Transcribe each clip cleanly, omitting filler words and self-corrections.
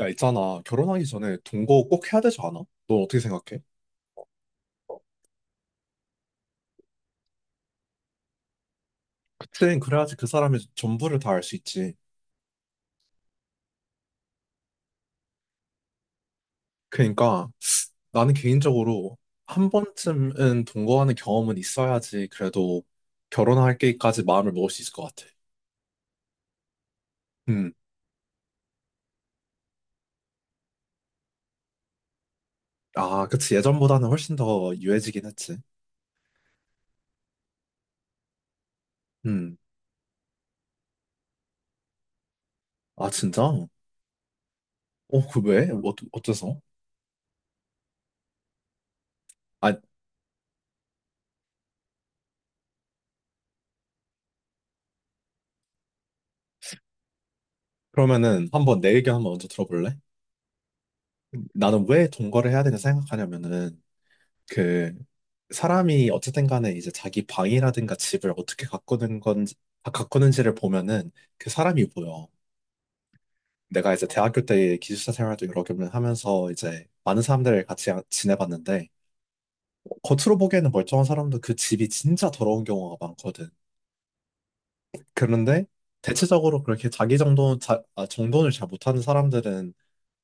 야, 있잖아. 결혼하기 전에 동거 꼭 해야 되지 않아? 넌 어떻게 생각해? 그땐 그래야지 그 사람의 전부를 다 알 수 있지. 그러니까 나는 개인적으로 한 번쯤은 동거하는 경험은 있어야지 그래도 결혼할게까지 마음을 먹을 수 있을 것 같아. 음. 아, 그치. 예전보다는 훨씬 더 유해지긴 했지. 음. 아, 진짜? 어, 그 왜? 어째서? 아, 그러면은 한번 내 의견 한번 먼저 들어볼래? 나는 왜 동거를 해야 되냐 생각하냐면은 그 사람이 어쨌든 간에 이제 자기 방이라든가 집을 어떻게 가꾸는 건지 가꾸는지를 보면은 그 사람이 보여. 내가 이제 대학교 때 기숙사 생활도 여러 개 하면서 이제 많은 사람들을 같이 지내봤는데 겉으로 보기에는 멀쩡한 사람도 그 집이 진짜 더러운 경우가 많거든. 그런데 대체적으로 그렇게 자기 정돈을 잘 못하는 사람들은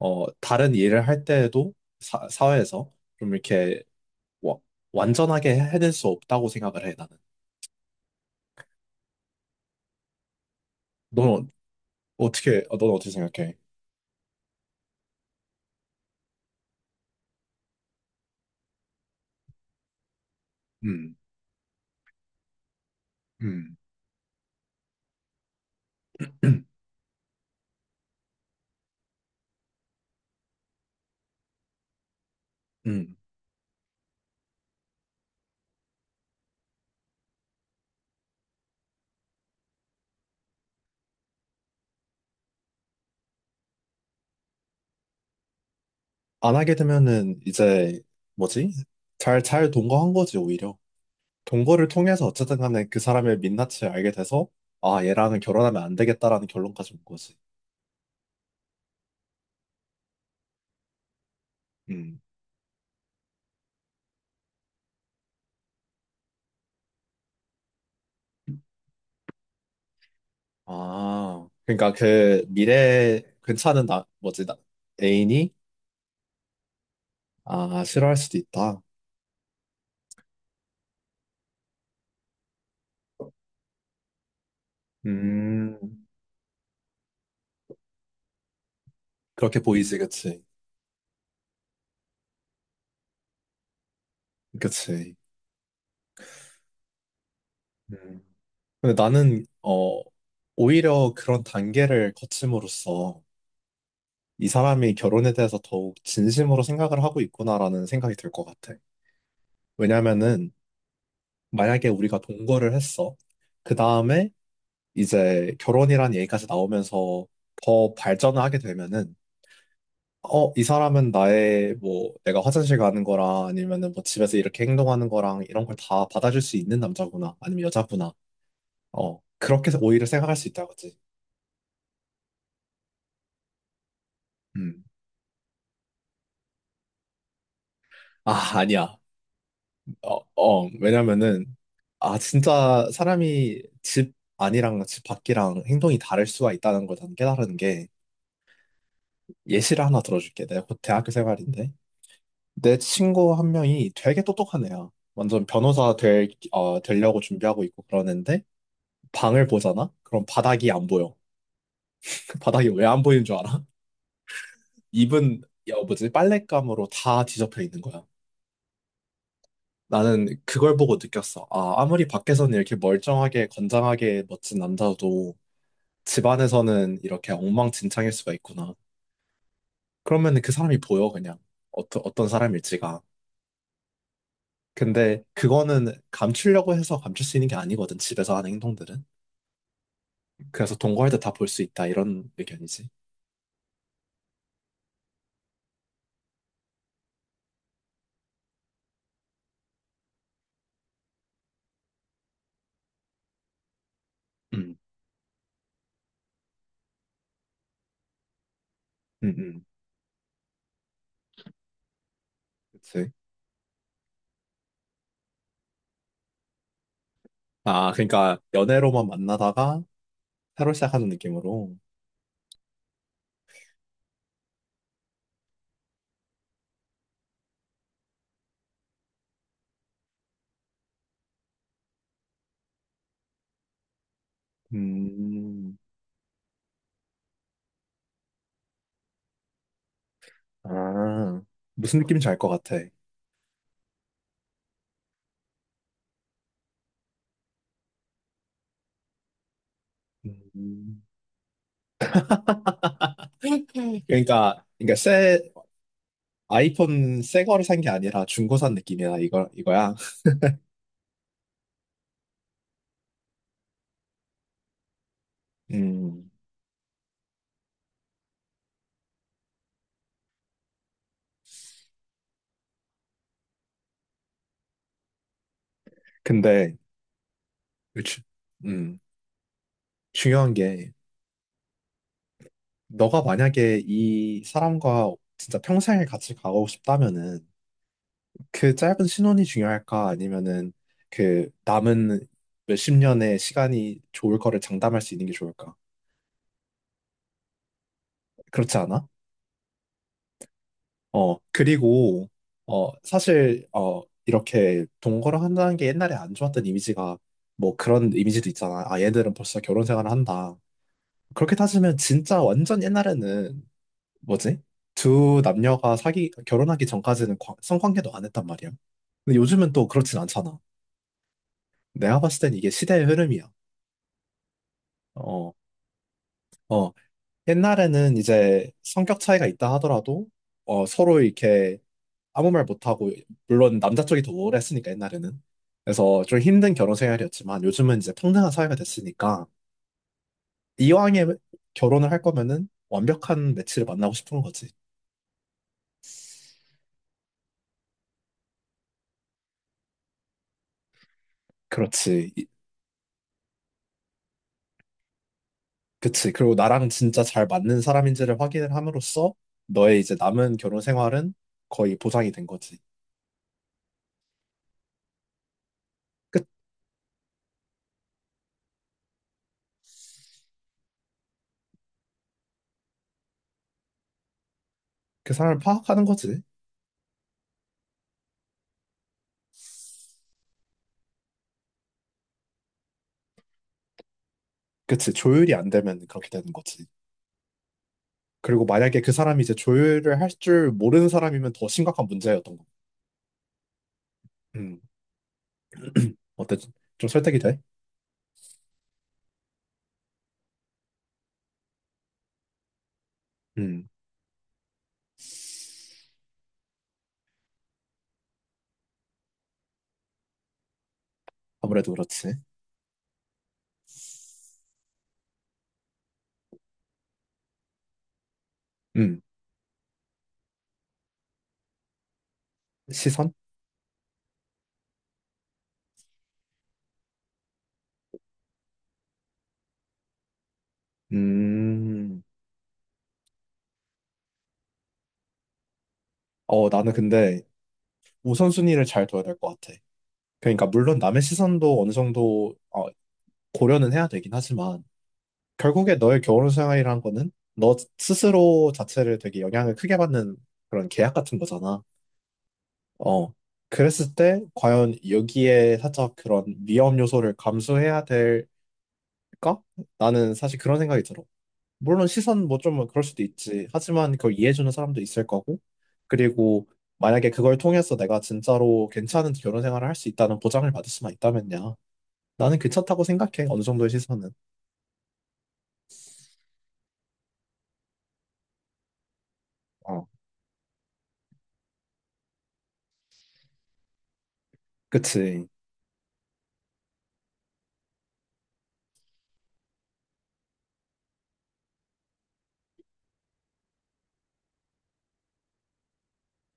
다른 일을 할 때에도 사회에서 좀 이렇게 와- 완전하게 해낼 수 없다고 생각을 해 나는. 너 넌 어떻게 생각해? 음, 음, 음. 안 하게 되면은 이제 뭐지? 잘 동거한 거지, 오히려. 동거를 통해서 어쨌든 간에 그 사람의 민낯을 알게 돼서, 아, 얘랑은 결혼하면 안 되겠다라는 결론까지 온 거지. 음, 아, 그러니까 그 미래에 괜찮은 나, 뭐지, 나, 애인이, 아, 싫어할 수도 있다. 음, 그렇게 보이지, 그치? 그치. 근데 나는 오히려 그런 단계를 거침으로써 이 사람이 결혼에 대해서 더욱 진심으로 생각을 하고 있구나라는 생각이 들 것 같아. 왜냐면은 만약에 우리가 동거를 했어. 그 다음에 이제 결혼이란 얘기까지 나오면서 더 발전을 하게 되면은 어, 이 사람은 나의 뭐 내가 화장실 가는 거랑 아니면은 뭐 집에서 이렇게 행동하는 거랑 이런 걸 다 받아줄 수 있는 남자구나 아니면 여자구나. 어, 그렇게 오히려 생각할 수 있다, 그지? 음. 아, 아니야. 왜냐면은, 아, 진짜 사람이 집 안이랑 집 밖이랑 행동이 다를 수가 있다는 걸 난 깨달은 게, 예시를 하나 들어줄게. 내가 곧 대학교 생활인데, 내 친구 한 명이 되게 똑똑한 애야. 완전 변호사 되려고 준비하고 있고 그러는데, 방을 보잖아? 그럼 바닥이 안 보여. 바닥이 왜 안 보이는 줄 알아? 입은, 야, 뭐지, 빨랫감으로 다 뒤덮여 있는 거야. 나는 그걸 보고 느꼈어. 아, 아무리 밖에서는 이렇게 멀쩡하게, 건장하게 멋진 남자도 집안에서는 이렇게 엉망진창일 수가 있구나. 그러면 그 사람이 보여, 그냥. 어떤 사람일지가. 근데 그거는 감추려고 해서 감출 수 있는 게 아니거든, 집에서 하는 행동들은. 그래서 동거할 때 다 볼 수 있다, 이런 의견이지. 음. 음, 음, 그치. 아, 그러니까 연애로만 만나다가 새로 시작하는 느낌으로. 음, 아, 무슨 느낌인지 알 것 같아. 음. 그러니까 새 아이폰 새 거를 산 게 아니라 중고 산 느낌이야, 이거야. 음, 근데, 주- 음, 중요한 게, 너가 만약에 이 사람과 진짜 평생을 같이 가고 싶다면은, 그 짧은 신혼이 중요할까? 아니면은, 그 남은 몇 십 년의 시간이 좋을 거를 장담할 수 있는 게 좋을까? 그렇지 않아? 어, 그리고, 사실, 이렇게 동거를 한다는 게 옛날에 안 좋았던 이미지가, 뭐 그런 이미지도 있잖아. 아, 얘들은 벌써 결혼 생활을 한다. 그렇게 따지면 진짜 완전 옛날에는 뭐지? 두 남녀가 결혼하기 전까지는 성관계도 안 했단 말이야. 근데 요즘은 또 그렇진 않잖아. 내가 봤을 땐 이게 시대의 흐름이야. 어, 어. 옛날에는 이제 성격 차이가 있다 하더라도, 어, 서로 이렇게 아무 말 못하고, 물론 남자 쪽이 더 우월했으니까, 옛날에는. 그래서 좀 힘든 결혼 생활이었지만, 요즘은 이제 평등한 사회가 됐으니까, 이왕에 결혼을 할 거면은 완벽한 매치를 만나고 싶은 거지. 그렇지. 그치. 그리고 나랑 진짜 잘 맞는 사람인지를 확인을 함으로써 너의 이제 남은 결혼 생활은 거의 보장이 된 거지. 끝. 그 사람을 파악하는 거지. 그치. 조율이 안 되면 그렇게 되는 거지. 그리고 만약에 그 사람이 이제 조율을 할 줄 모르는 사람이면 더 심각한 문제였던 거. 음. 어때? 좀 설득이 돼? 음. 아무래도 그렇지. 음. 시선? 음. 어, 나는 근데 우선순위를 잘 둬야 될 것 같아. 그러니까 물론 남의 시선도 어느 정도 고려는 해야 되긴 하지만 결국에 너의 결혼 생활이란 거는 너 스스로 자체를 되게 영향을 크게 받는 그런 계약 같은 거잖아. 어. 그랬을 때 과연 여기에 살짝 그런 위험 요소를 감수해야 될까? 나는 사실 그런 생각이 들어. 물론 시선 뭐 좀 그럴 수도 있지. 하지만 그걸 이해해주는 사람도 있을 거고. 그리고 만약에 그걸 통해서 내가 진짜로 괜찮은 결혼 생활을 할 수 있다는 보장을 받을 수만 있다면야. 나는 괜찮다고 생각해. 어느 정도의 시선은. 어. 그치.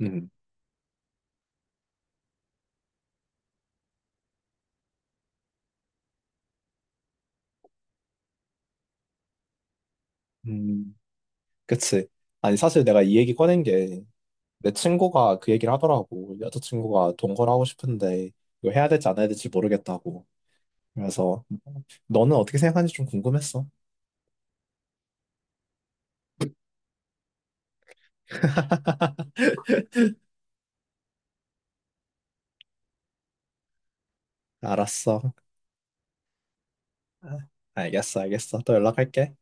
음. 음. 그치. 아니, 사실 내가 이 얘기 꺼낸 게 내 친구가 그 얘기를 하더라고. 여자친구가 동거를 하고 싶은데 이거 해야 될지 안 해야 될지 모르겠다고. 그래서 너는 어떻게 생각하는지 좀 궁금했어. 알았어. 알겠어, 알겠어. 또 연락할게.